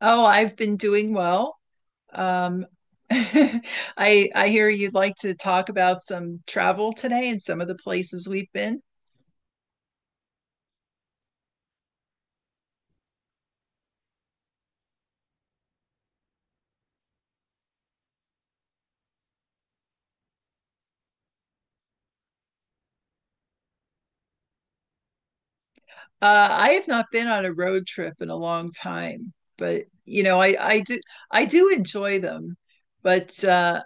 Oh, I've been doing well. Um, I hear you'd like to talk about some travel today and some of the places we've been. I have not been on a road trip in a long time, but you know, I do enjoy them. But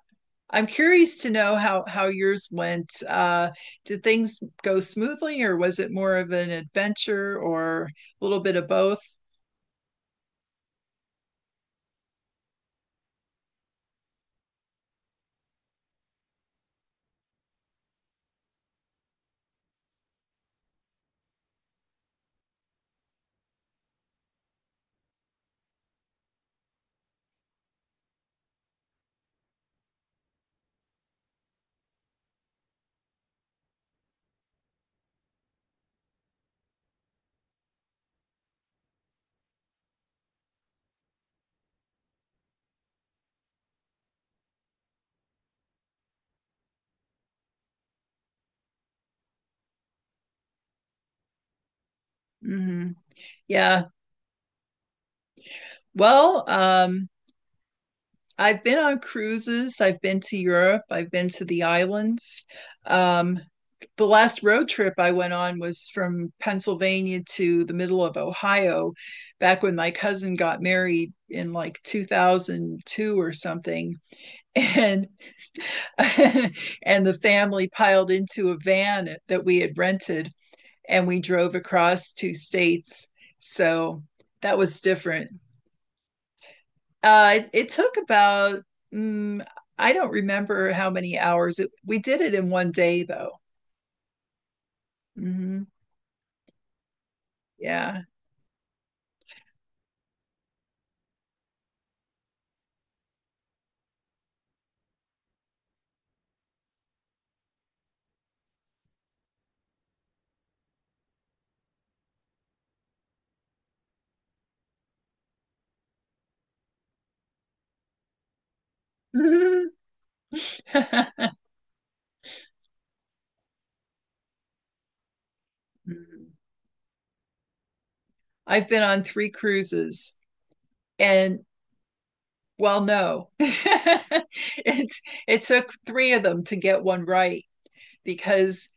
I'm curious to know how yours went. Did things go smoothly, or was it more of an adventure, or a little bit of both? Hmm. Yeah. Well, I've been on cruises. I've been to Europe. I've been to the islands. Um, the last road trip I went on was from Pennsylvania to the middle of Ohio, back when my cousin got married in like 2002 or something. And and the family piled into a van that we had rented and we drove across two states. So that was different. It took about, mm, I don't remember how many hours. It, we did it in one day, though. Hmm. Yeah. i I've been on three cruises and well, no. It took three of them to get one right because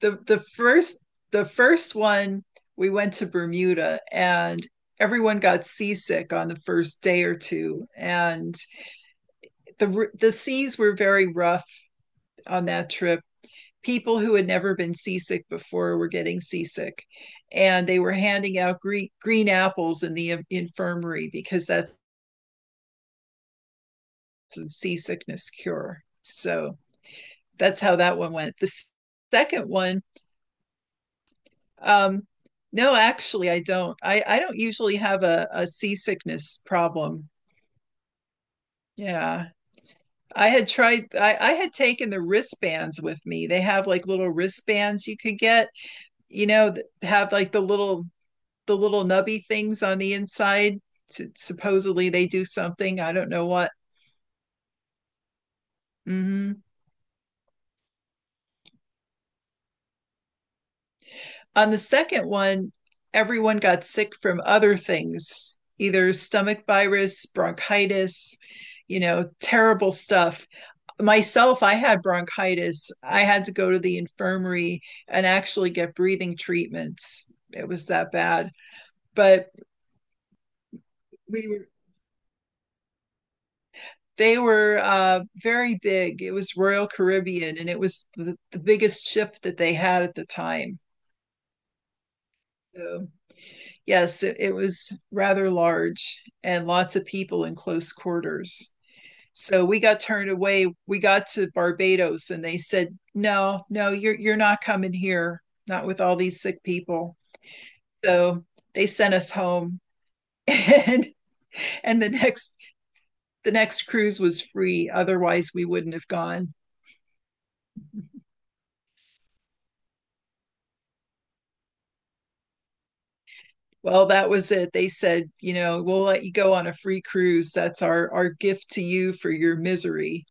the the first the first one we went to Bermuda and everyone got seasick on the first day or two, and the seas were very rough on that trip. People who had never been seasick before were getting seasick, and they were handing out green, green apples in the infirmary, because that's the seasickness cure. So that's how that one went. The second one, Um, no, actually, I don't. I don't usually have a seasickness problem. Yeah. I had taken the wristbands with me. They have like little wristbands you could get, you know, that have like the little nubby things on the inside. Supposedly they do something. I don't know what. Hmm. On the second one, everyone got sick from other things, either stomach virus, bronchitis, you know, terrible stuff. Myself, I had bronchitis. I had to go to the infirmary and actually get breathing treatments. It was that bad. But we were, they were very big. It was Royal Caribbean, and it was the biggest ship that they had at the time. So, yes, it was rather large, and lots of people in close quarters. So we got turned away. We got to Barbados, and they said, "No, no, you're not coming here. Not with all these sick people." So they sent us home and and the next cruise was free. Otherwise we wouldn't have gone. Well, that was it. They said, you know, we'll let you go on a free cruise. That's our gift to you for your misery.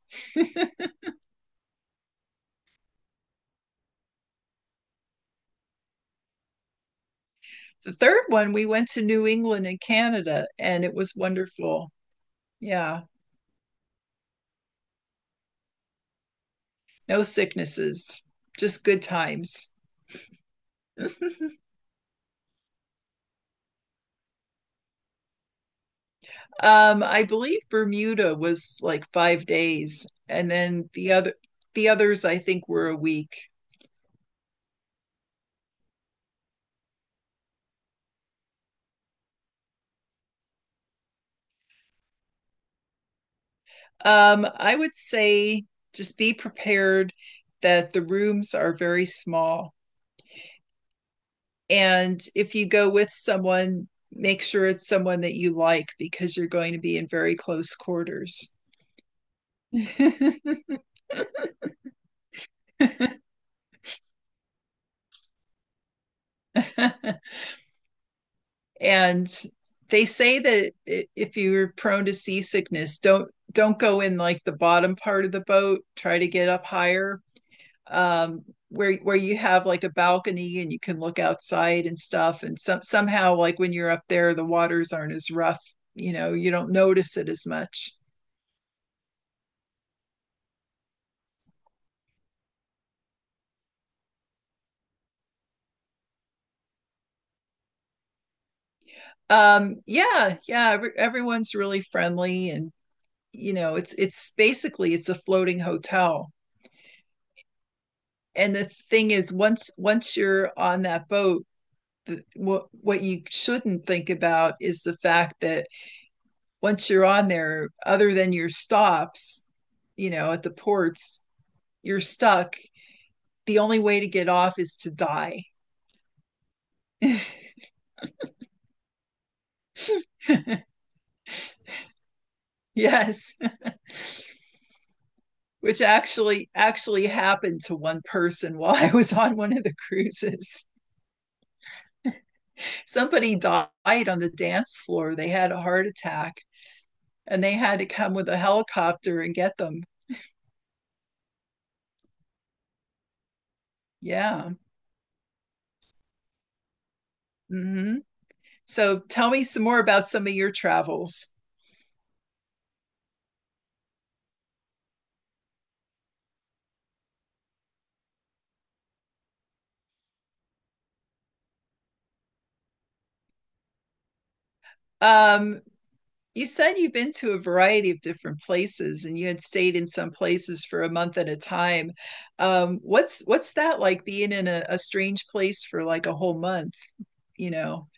The third one, we went to New England and Canada, and it was wonderful. Yeah. No sicknesses, just good times. um, I believe Bermuda was like 5 days, and then the others I think were a week. I would say just be prepared that the rooms are very small. And if you go with someone, make sure it's someone that you like, because you're going to be in very close quarters. And they say that if you're prone to seasickness, don't go in like the bottom part of the boat, try to get up higher, um, where you have like a balcony and you can look outside and stuff. And somehow like when you're up there, the waters aren't as rough. You know, you don't notice it as much. Yeah, yeah, everyone's really friendly and, you know, it's basically it's a floating hotel. And the thing is, once you're on that boat, the, what you shouldn't think about is the fact that once you're on there, other than your stops, you know, at the ports, you're stuck. The only way to get off is to die. Yes, which actually happened to one person while I was on one of the cruises. Somebody died on the dance floor. They had a heart attack, and they had to come with a helicopter and get them. Yeah. Mm-hmm. So tell me some more about some of your travels. Um, You said you've been to a variety of different places and you had stayed in some places for a month at a time. What's that like being in a strange place for like a whole month, you know?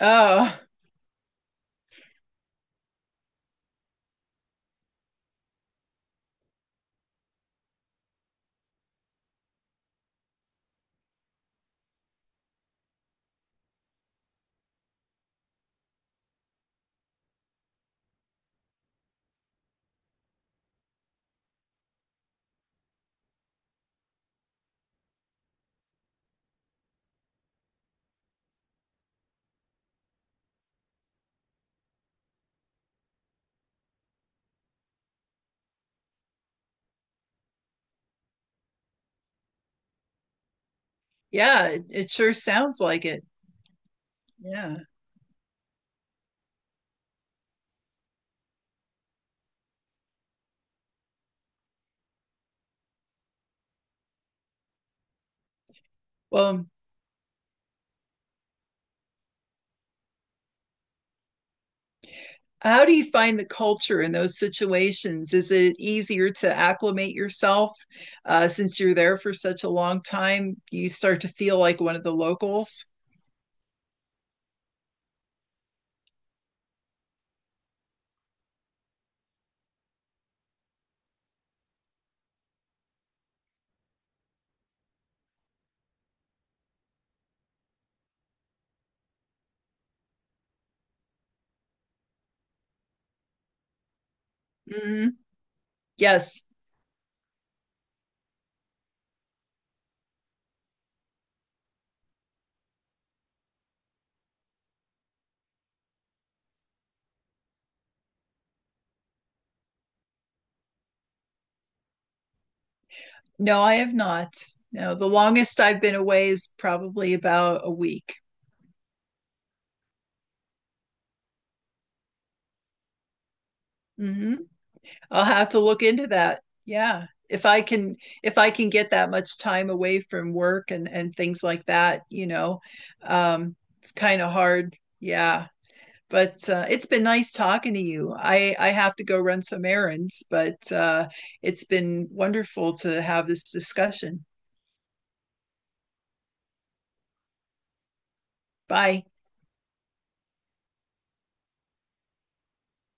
Oh, yeah, it sure sounds like it. Yeah. Well, how do you find the culture in those situations? Is it easier to acclimate yourself, since you're there for such a long time? You start to feel like one of the locals. Hmm. Yes. No, I have not. No, the longest I've been away is probably about a week. Hmm. I'll have to look into that. Yeah. If I can get that much time away from work and things like that, you know. It's kind of hard. Yeah. But it's been nice talking to you. I have to go run some errands, but it's been wonderful to have this discussion. Bye.